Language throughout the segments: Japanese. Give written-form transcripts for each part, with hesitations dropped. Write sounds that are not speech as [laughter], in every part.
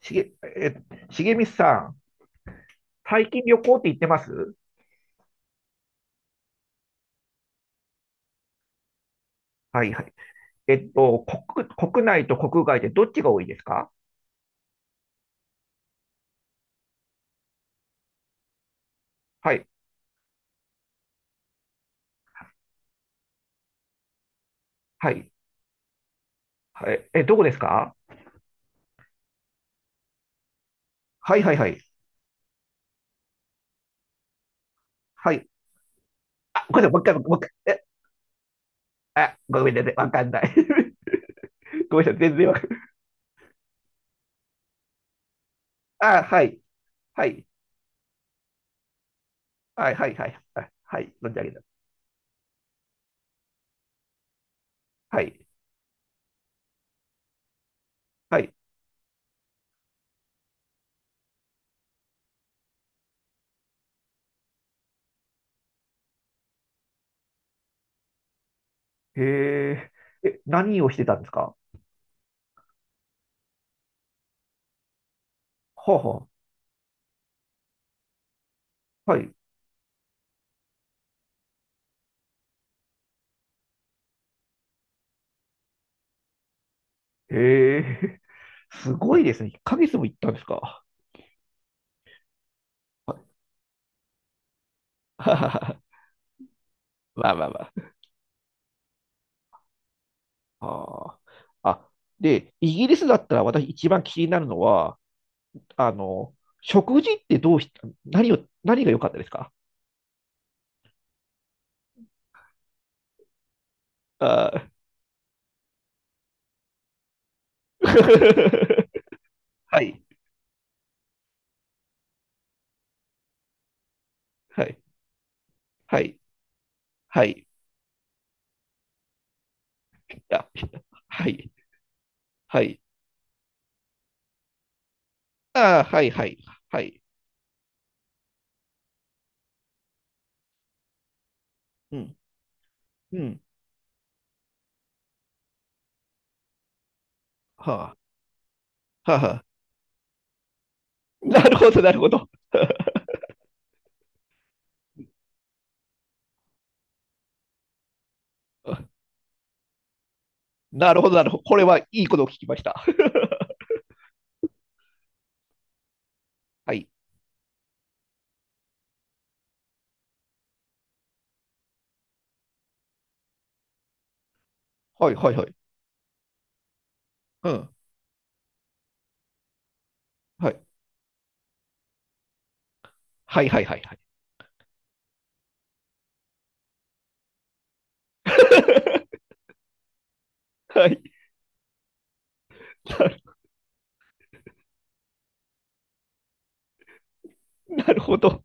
しげ、え、しげみさん、最近旅行って行ってますはいはい。えっと、国内と国外でどっちが多いですか？はい、はい、はい。え、どこですか？はいはいはい。はい。あ、ごめんなさい、もう一回。あ、ごめんなさい、わかんない。[laughs] ごめんなさい、全然わかんない。あ、はい、はい、はい、存じ上げた。はい、はい。へえ、何をしてたんですか？はあ、はあ、はい。へえ、すごいですね。1ヶ月も行ったんですか。はははは。[laughs] まあまあまあ。あー、あ。で、イギリスだったら私一番気になるのは、あの、食事ってどうし、何を、何が良かったですか？あー [laughs] はい、はい、はい、はい、あ、はい、はい、あー、はい、はい、はい、うん、うん、はあ、はあ、はあ [laughs] なるほど、なるほど。[laughs] なるほど、なるほど。これはいいことを聞きました。[laughs] はい、はい、はい、はい、うん、はい、はい、はい、はい、はい。[laughs] はい、[laughs] なるほど。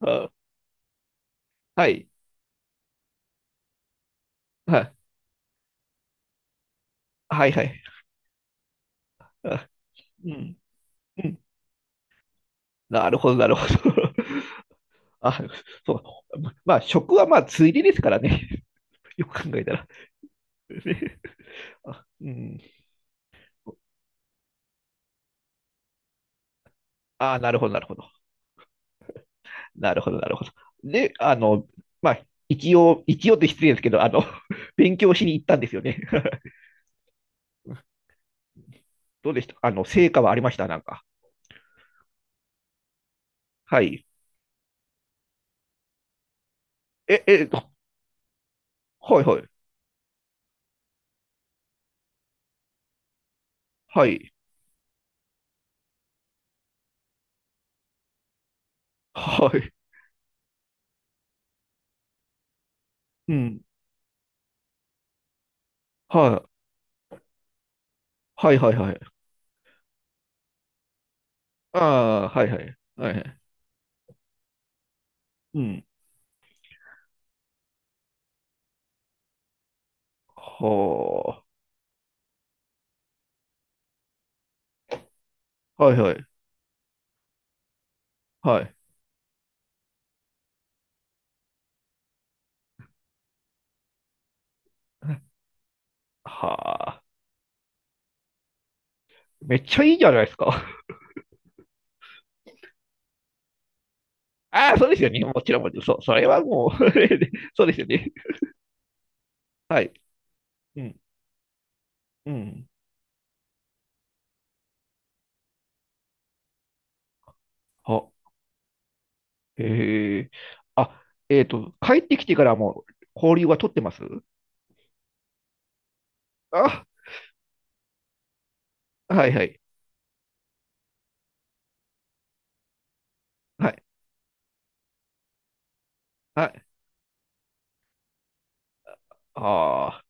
あ、はい。はい。はいはい。あ、うん。うん。なるほど、なるほど。[laughs] あ、そう。まあ、食はまあ、ついでですからね。[laughs] よく考えたら。[laughs] ね、あ、うん。あ、なるほど、なるほど。なるほど、なるほど。で、あの、まあ、一応って失礼ですけど、あの、[laughs] 勉強しに行ったんですよね。[laughs] どうでしたあの、成果はありましたなんか？はい。え、え、はいはい。はい。はい。うん。はい。はいはいはい。ああ、はいはい。はいはい。うん。はあ。はいはい。はい。はあ。めっちゃいいじゃないですか。[laughs] ああ、そうですよね。もちろん。そう、それはもう [laughs] そうですよね。はい。うん。うん。あ、へえ。あ、帰ってきてからも交流は取ってますあ、はいはい。はい。はい。あ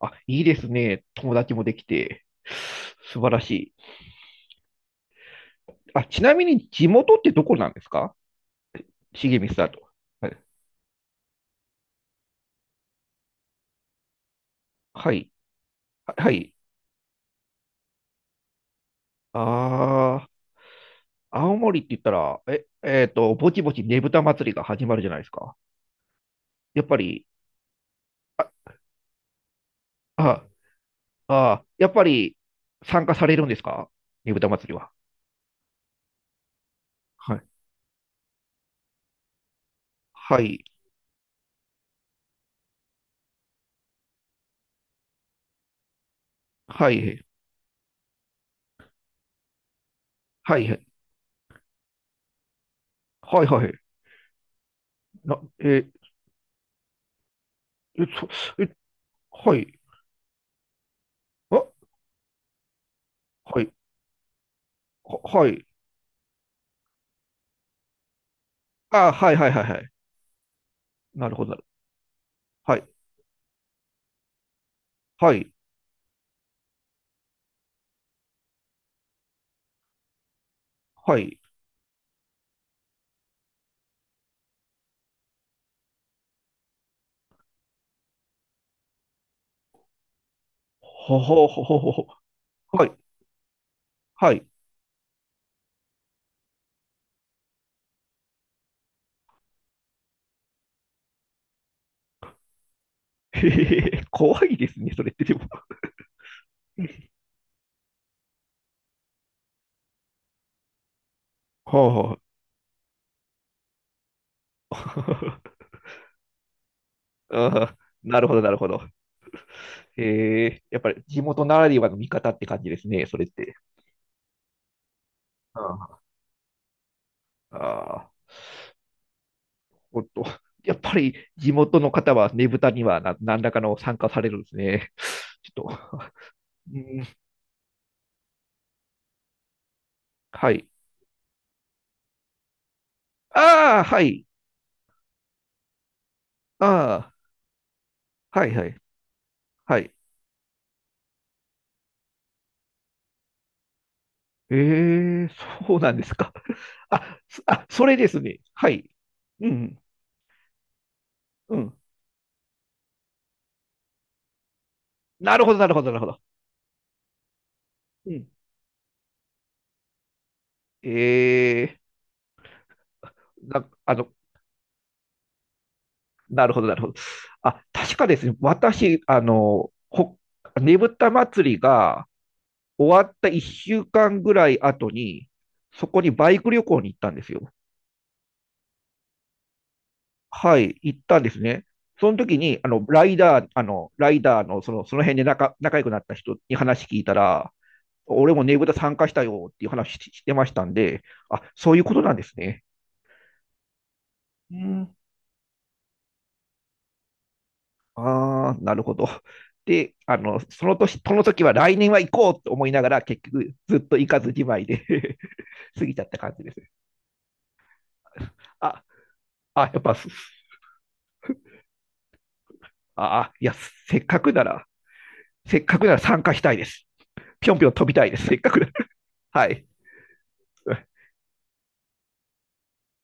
あ。あ、いいですね。友達もできて。素晴らしい。あ、ちなみに地元ってどこなんですか、重光さんと？はい。はい。はい。ああ。青森って言ったら、ぼちぼちねぶた祭りが始まるじゃないですか。やっぱり、あ、あ、あ、やっぱり参加されるんですか、ねぶた祭りは？はい。はい、はい、はい、はい、はい、はい。な、えー、え、そ、え、はい、あ、はい、はい。あ、はい、はい、はい、はい。なるほど、なるほど。はい、はい、はい。ほほほほほほ。はい、はい。[laughs] へへへ、怖いですね、それってでも。はあ、はあ。[laughs] ああ、なるほど、なるほど。へえ、やっぱり地元ならではの見方って感じですね、それって。うん、ああ、ほんと。やっぱり地元の方はねぶたにはな何らかの参加されるんですね。ちょっと、うん、はい。ああ、はい。ああ、はい、はい、はい。ええ、そうなんですか。それですね。はい。うん、うん。なるほど、なるほど、なるほど。うん。ええ、な、あの、なるほど、なるほど。あ、確かですね、私、ねぶた祭りが終わった1週間ぐらい後に、そこにバイク旅行に行ったんですよ。はい、行ったんですね。その時に、ライダーの、その辺で仲良くなった人に話聞いたら、俺もねぶた参加したよっていう話ししてましたんで、あ、そういうことなんですね。うん、ああ、なるほど。で、あの、その年、その時は来年は行こうと思いながら、結局ずっと行かずじまいで [laughs] 過ぎちゃった感じです。あ、あ、やっぱ、すあ、あいや、せっかくなら、せっかくなら参加したいです。ぴょんぴょん飛びたいです。せっかくなら。[laughs] はい。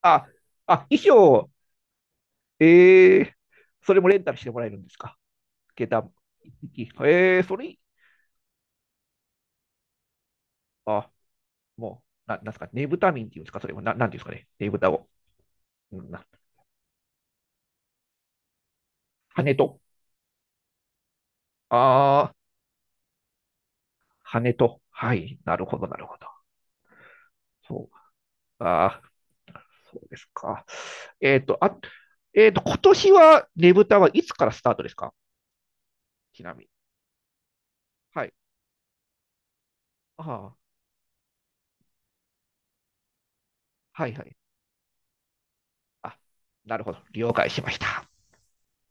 あ、衣装、えー、それもレンタルしてもらえるんですか、下駄も？えー、それ、あ、もう、なんですか、ねぶた民っていうんですか、それも、なんていうんですかね、ねぶたを。うんな羽と。ああ、羽と。はい。なるほど、なるほど。そう。ああ、そうですか。えっと、あ、えっと、今年はねぶたはいつからスタートですか、ちなみに？はい。ああ、はいはい。あ、なるほど。了解しました。